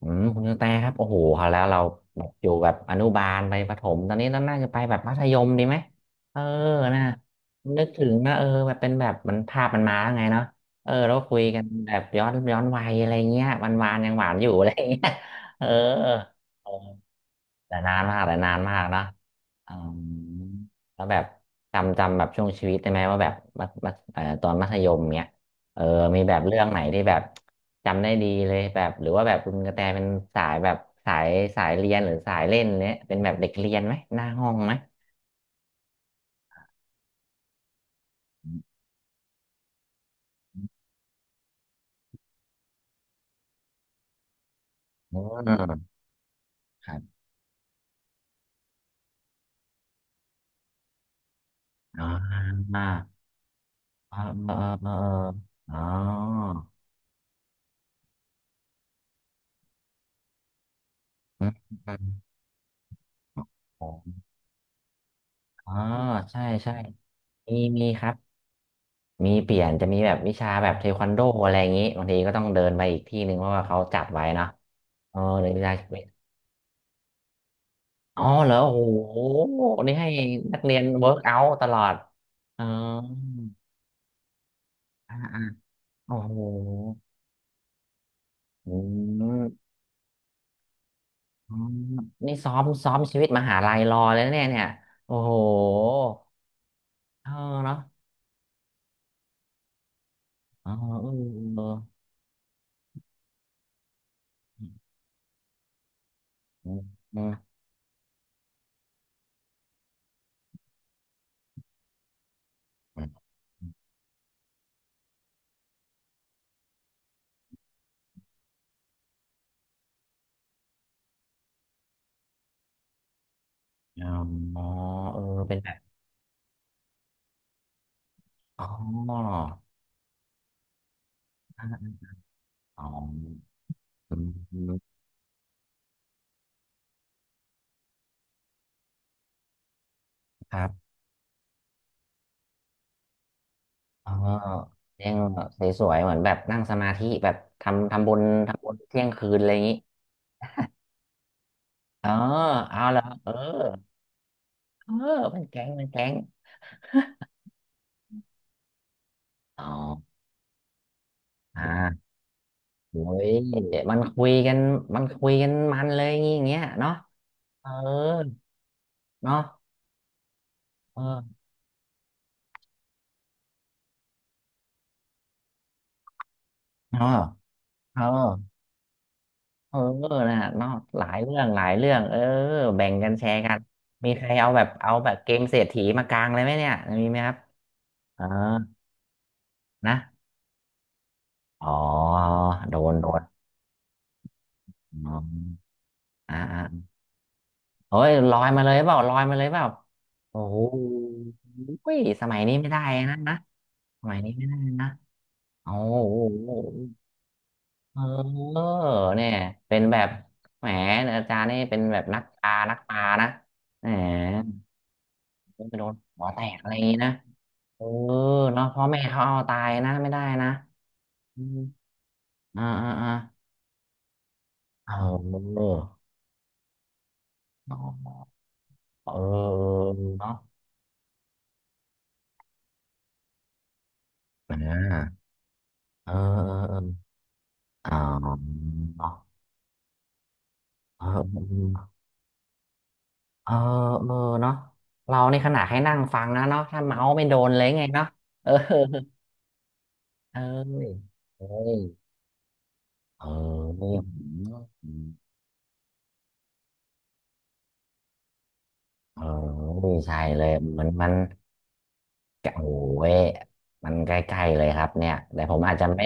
อืมคุณกระแตครับโอ้โหคราวแล้วเราแบบอยู่แบบอนุบาลไปประถมตอนนี้เราน่าจะไปแบบมัธยมดีไหมเออนะนึกถึงนะเออแบบเป็นแบบมันภาพมันมาแล้วไงเนาะเออเราคุยกันแบบย้อนวัยอะไรเงี้ยวันวานยังหวานอยู่อะไรเงี้ยเออ แต่นานมากแต่นานมากนะอืมแล้วแบบจำแบบช่วงชีวิตได้ไหมว่าแบบมัธมัธเอ่อตอนมัธยมเนี้ยเออมีแบบเรื่องไหนที่แบบจำได้ดีเลยแบบหรือว่าแบบคุณกระแตเป็นสายแบบสายสายเรียนหรือสายเล่นเนี้ยเป็นแบบเด็กเรียนไหมหน้าห้องไหมอืมอืมครับอ๋าเออเออเออเอออ๋ออืมอ๋อใช่ใช่มีครับ มีเปลี่ยนจะมีแบบวิชาแบบเทควันโดอะไรอย่างนี้บางทีก็ต้องเดินไปอีกที่หนึ่งเพราะว่าเขาจัดไว้เนาะเออเรียนวิชาอ๋อเหรอโอ้โหนี่ให้นักเรียนเวิร์กเอาท์ตลอดเอออ่าอ่าโอ้โหอืมอืมนี่ซ้อมชีวิตมหาลัยรอเลยนะเนี่ยเนี่ยโอ้โหเออเนาะอ๋อเออเอออืมอืมอืมอ๋อเออเป็นแบบอ๋ออ๋อ อืมครับอ๋อเที่ยงสวยๆเหมือนแบบนั่งสมาธิแบบทำบุญทำบุญเที่ยงคืนอะไรอย่างนี้ อ๋อเอาละเออเออมันแก๊งอ๋ออ่าโอ้ยมันคุยกันมันคุยกันมันเลยอย่างงี้อย่างเงี้ยเนาะเออเนาะเออเนาะเออ เออนะเนาะหลายเรื่องหลายเรื่องเออแบ่งกันแชร์กันมีใครเอาแบบเอาแบบเกมเศรษฐีมากลางเลยไหมเนี่ยมีไหมครับเออนะ อ๋อโดนอ๋ออ่าอ่าเฮ้ยลอยมาเลยเปล่าลอยมาเลยเปล่าโอ้โหอุ้ยสมัยนี้ไม่ได้นะนะสมัยนี้ไม่ได้นะโอ้โหเออเนี่ยเป็นแบบแหมอาจารย์นี่เป็นแบบนักปลานักปลานะแหมไปโดนหัวแตกอะไรอย่างนี้นะเออเนาะพ่อแม่เขาเอาตายนะไม่ได้นะอืมอ่าอ่าอ่าเออเออเออเนาะอ่า เออเออเอออ๋อเออเออเออเออเนาะเรานี่ขนาดให้นั่งฟังนะเนาะถ้าเมาส์ไม่โดนเลยไงเนาะเออเอ้ยเอ้ยเออนี่เออใช่เลยมันมันโอ้ยมันใกล้ๆเลยครับเนี่ย แต่ผมอาจจะไม่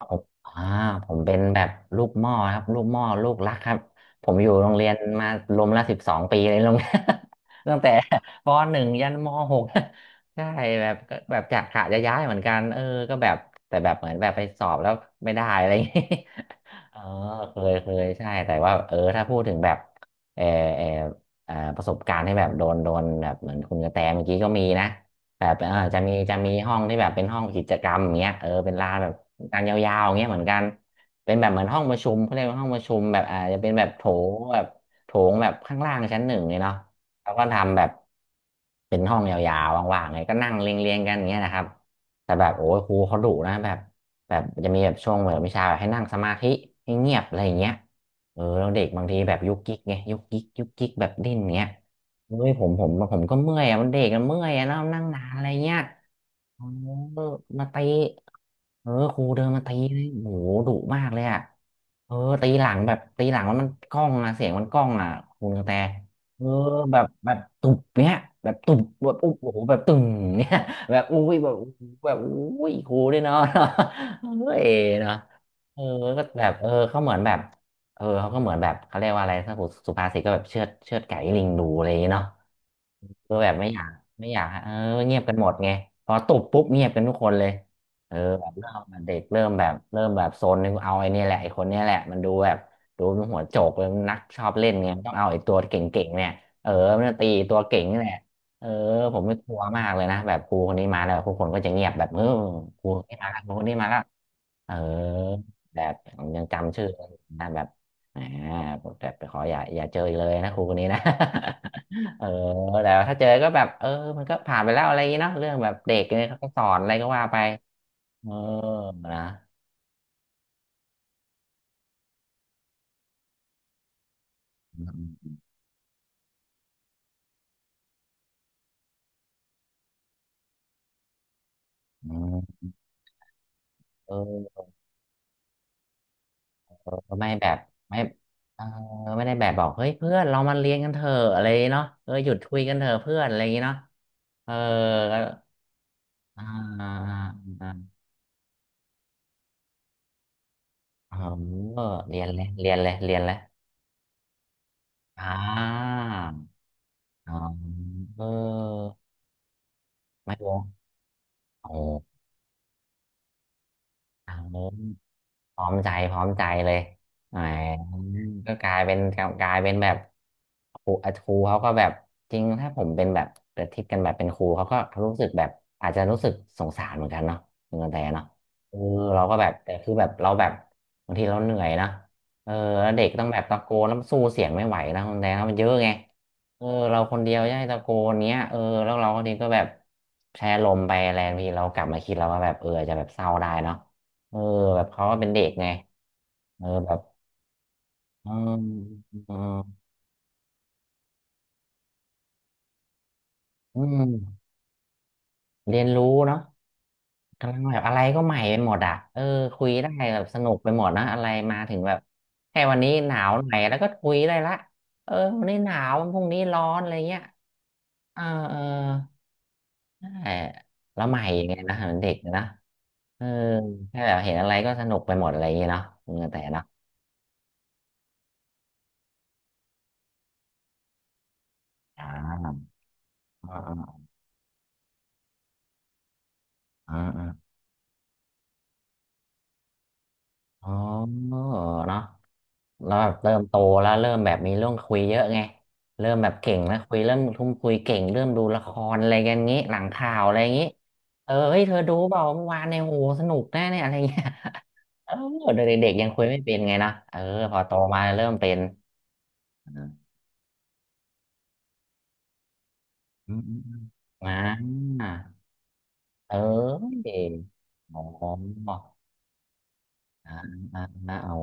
ผมอ่าผมเป็นแบบลูกหม้อครับลูกหม้อลูกรักครับ ผมอยู่โรงเรียนมารวมละ12 ปีเลยโรงเรียน ตั้งแต่ป.1ยันม.6 ใช่แบบก็แบบจะกะจะย้ายเหมือนกันเออก็แบบแต่แบบเหมือนแบบไปสอบแล้วไม่ได้อะไรอย่างงี้ เออเคยใช่แต่ว่าเออถ้าพูดถึงแบบเออเอออ่าประสบการณ์ที่แบบโดนแบบเหมือนคุณกระแตเมื่อกี้ก็มีนะแบบเออจะมีห้องที่แบบเป็นห้องกิจกรรมอย่างเงี้ยเออเป็นลานแบบกางยาวๆอย่างเงี้ยเหมือนกันเป็นแบบเหมือนห้องประชุมเขาเรียกว่าห้องประชุมแบบอาจจะเป็นแบบงแบบโถงแบบข้างล่างชั้นหนึ่งเลยเนาะแล้วก็ทำแบบเป็นห้องยาวๆว่างๆไงก็นั่งเรียงๆกันอย่างเงี้ยนะครับแต่แบบโอ้ยครูเขาดุนะแบบ แบบจะมีแบบช่วงแบบวิชาแบบให้นั่งสมาธิให้เงียบอะไรอย่างเงี้ยเออแล้วเด็กบางทีแบบยุกยิกไงยุกยิกยุกยิกแบบดิ้นเงี้ยเฮ้ยผมก็เมื่อยอะมันเด็กมันเมื่อยอะแล้วนั่งนานอะไรเงี้ย อ๋อมาตีเออครูเดินมาตีเลยโหดุมากเลยอ่ะเออตีหลังมันกล้องอ่ะเสียงมันกล้องอ่ะคุูกระแตเออแบบแบบตุบเนี้ยแบบตุบแบบอุ๊บโอ้โหแบบตึงเนี้ยแบบอุ้ยแบบอู้แบบอุ้ยครูด้วยเนาะเออเนาะเออก็แบบเออเขาเหมือนแบบเออเขาก็เหมือนแบบเขาเรียกว่าอะไรถ้าสุภาษิตก็แบบเชือดไก่ให้ลิงดูอะไรอย่างเงี้ยเนาะ คือแบบไม่อยากไม่อยากฮะเออเงียบกันหมดไงพอตุบปุ๊บเงียบกันทุกคนเลยเออแบบเริ่มเด็กเริ่มแบบเริ่มแบบโซนนึงเอาไอ้เนี่ยแหละไอ้คนเนี้ยแหละมันดูแบบดูมันหัวโจกเลยมันนักชอบเล่นไงมันต้องเอาไอ้ตัวเก่งๆเนี่ยเออมันจะตีตัวเก่งนี่แหละเออผมไม่กลัวมากเลยนะแบบครูคนนี้มาแล้วทุกคนก็จะเงียบแบบเออครูคนนี้มาแล้วครูคนนี้มาแล้วเออแบบผมยังจำชื่อนะแบบอ่าแบบขออย่าเจออีกเลยนะครูคนนี้นะ เออแต่ว่าถ้าเจอก็แบบเออมันก็ผ่านไปแล้วอะไรอย่างงี้เนาะเรื่องแบบเด็กเนี่ยเขาก็สอนอะไรก็ว่าไปเออนะอืมอืมเออเออไม่แบบไม่เออไม่ได้แบบบอกเฮ้ยเพื่อนเรามาเรียนกันเถอะอะไรอย่างงี้เนาะเออหยุดคุยกันเถอะเพื่อนอะไรอย่างงี้เนาะเออก็อ่าอ่าอ่าเออเรียนเลยอ่าอ๋อเออไม่รู้โอ้ พร้อมใจพร้อมใจเลยอ่าก็กลายเป็นกลายเป็นแบบครูอ่ะครูเขาก็แบบจริงถ้าผมเป็นแบบเปทิศกันแบบเป็นครูเขาก็รู้สึกแบบอาจจะรู้สึกสงสารเหมือนกันเนาะเหมือนกันแต่เนาะเออเราก็แบบแต่คือแบบเราแบบบางทีเราเหนื่อยนะเออแล้วเด็กต้องแบบตะโกนแล้วสู้เสียงไม่ไหวนะคุณแต่นะมันเยอะไงเออเราคนเดียวจะให้ตะโกนเนี้ยเออแล้วเราคนนี้ก็แบบแพร่ลมไปแรงทีเรากลับมาคิดเราว่าแบบเอออาจจะแบบเศร้าได้เนาะ เออแบบเขาก็เป็นเด็กไงเออแบบเออเอออืมเรียนรู้เนาะกำลังแบบอะไรก็ใหม่ไปหมดอ่ะเออคุยได้แบบสนุกไปหมดนะอะไรมาถึงแบบแค่วันนี้หนาวหน่อยแล้วก็คุยได้ละเออวันนี้หนาวพรุ่งนี้ร้อนอะไรเงี้ยเออเออใช่แล้วใหม่ไงนะเหมือนเด็กนะเออแค่แบบเห็นอะไรก็สนุกไปหมดอะไรอย่างเงี้ยเนาะเออแต่เนาะอ่าอ่าอ่าอาอ๋อเนาะ แล้วแบบเริ่มโตแล้วเริ่มแบบมีเรื่องคุยเยอะไงเริ่มแบบเก่งนะคุยเริ่มทุ่มคุยเก่งเริ่มดูละครอะไรกันงี้หลังข่าวอะไรงี้เออเฮ้ยเธอดูเปล่าเมื่อวานเนี่ยโอ้โหสนุกแน่เนี่ยอะไรเงี้ย เออเด็กๆยังคุยไม่เป็นไงนะเออพอโตมาเริ่มเป็นอืมๆเอออ๋ออ่าอ่าโอ้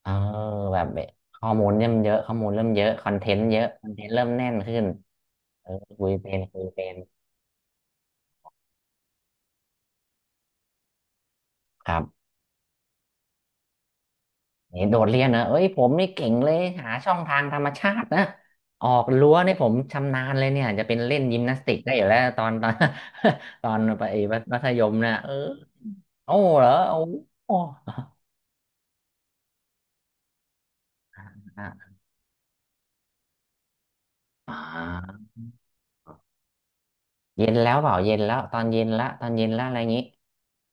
เออแบบข้อมูลเริ่มเยอะข้อมูลเริ่มเยอะคอนเทนต์เยอะคอนเทนต์เริ่มแน่นขึ้นเออคุยเป็นคุยเป็นครับนี่โดดเรียนนะเอ้ยผมนี่เก่งเลยหาช่องทางธรรมชาตินะออกรั้วนี่ผมชำนาญเลยเนี่ยจะเป็นเล่นยิมนาสติกได้อยู่แล้วตอน ตอน ตอนไปมัธยมนะเออโอ้เหรอโอ้โอ้อ่าอ่าเย็นแล้วเปล่าเย็นแล้วตอนเย็นละตอนเย็นละอะไรอย่างนี้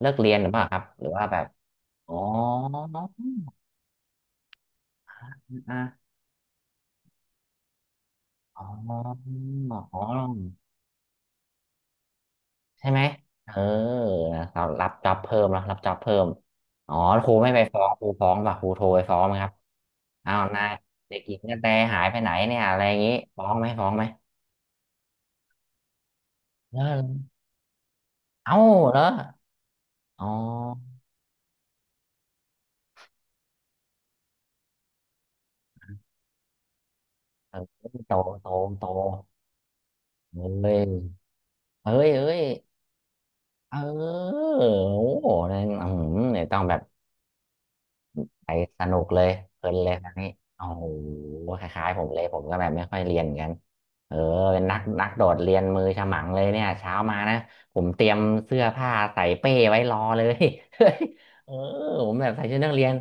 เลิกเรียนหรือเปล่าครับหรือว่าแบบอ๋อ อ่ะอ๋ออ๋อใช่ไหมเออนะครับรับจ็อบเพิ่มแล้วรับจ็อบเพิ่มอ๋อครูไม่ไปฟ้องครูฟ้องป่ะครูโทรไปฟ้องไหมครับอ้าวนายเด็กหญิงกระแตหายไปไหนเนี่ยอะไรอย่างงี้ฟ้องไหมฟ้องไหมเออเอ้าเหรออ๋อเออโตโตโตเอ้ยเอ้ยเอ้ยเออโอ้โหนั่นอืมเนี่ยต้องแบบ ไปสนุกเลยเพลินเลยครั้งนี้โอ้โหคล้ายๆผมเลยผมก็แบบไม่ค่อยเรียนเหมือนกันเออเป็นนักนักโดดเรียนมือฉมังเลยเนี่ยเช้ามานะผมเตรียมเสื้อผ้าใส่เป้ไว้รอเลย เออผมแบบใส่ชุดนักเรียน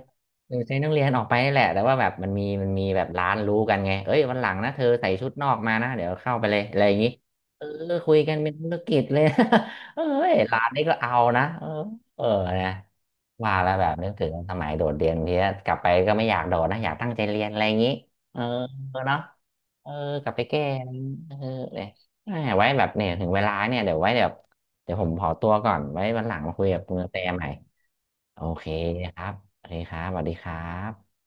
เออใส่นักเรียนออกไปนี่แหละแต่ว่าแบบมันมีมันมีแบบร้านรู้กันไงเอ้ยวันหลังนะเธอใส่ชุดนอกมานะเดี๋ยวเข้าไปเลยอะไรอย่างงี้เออคุยกันเป็นธุรกิจเลย เอ้ยร้านนี้ก็เอานะเออเออนะ ว่าแล้วแบบนึกถึงสมัยโดดเรียนทีนี้ยกลับไปก็ไม่อยากโดดนะอยากตั้งใจเรียนอะไรอย่างนี้เออเนาะเออกลับไปแก้อะไรอย่างงี้เออเนี่ยแหม่ไว้แบบเนี่ยถึงเวลาเนี่ยเดี๋ยวไว้เดี๋ยวเดี๋ยวผมขอตัวก่อนไว้วันหลังมาคุยกับคุณกระแตใหม่โอเคครับโอเคครับสวัสดีครับ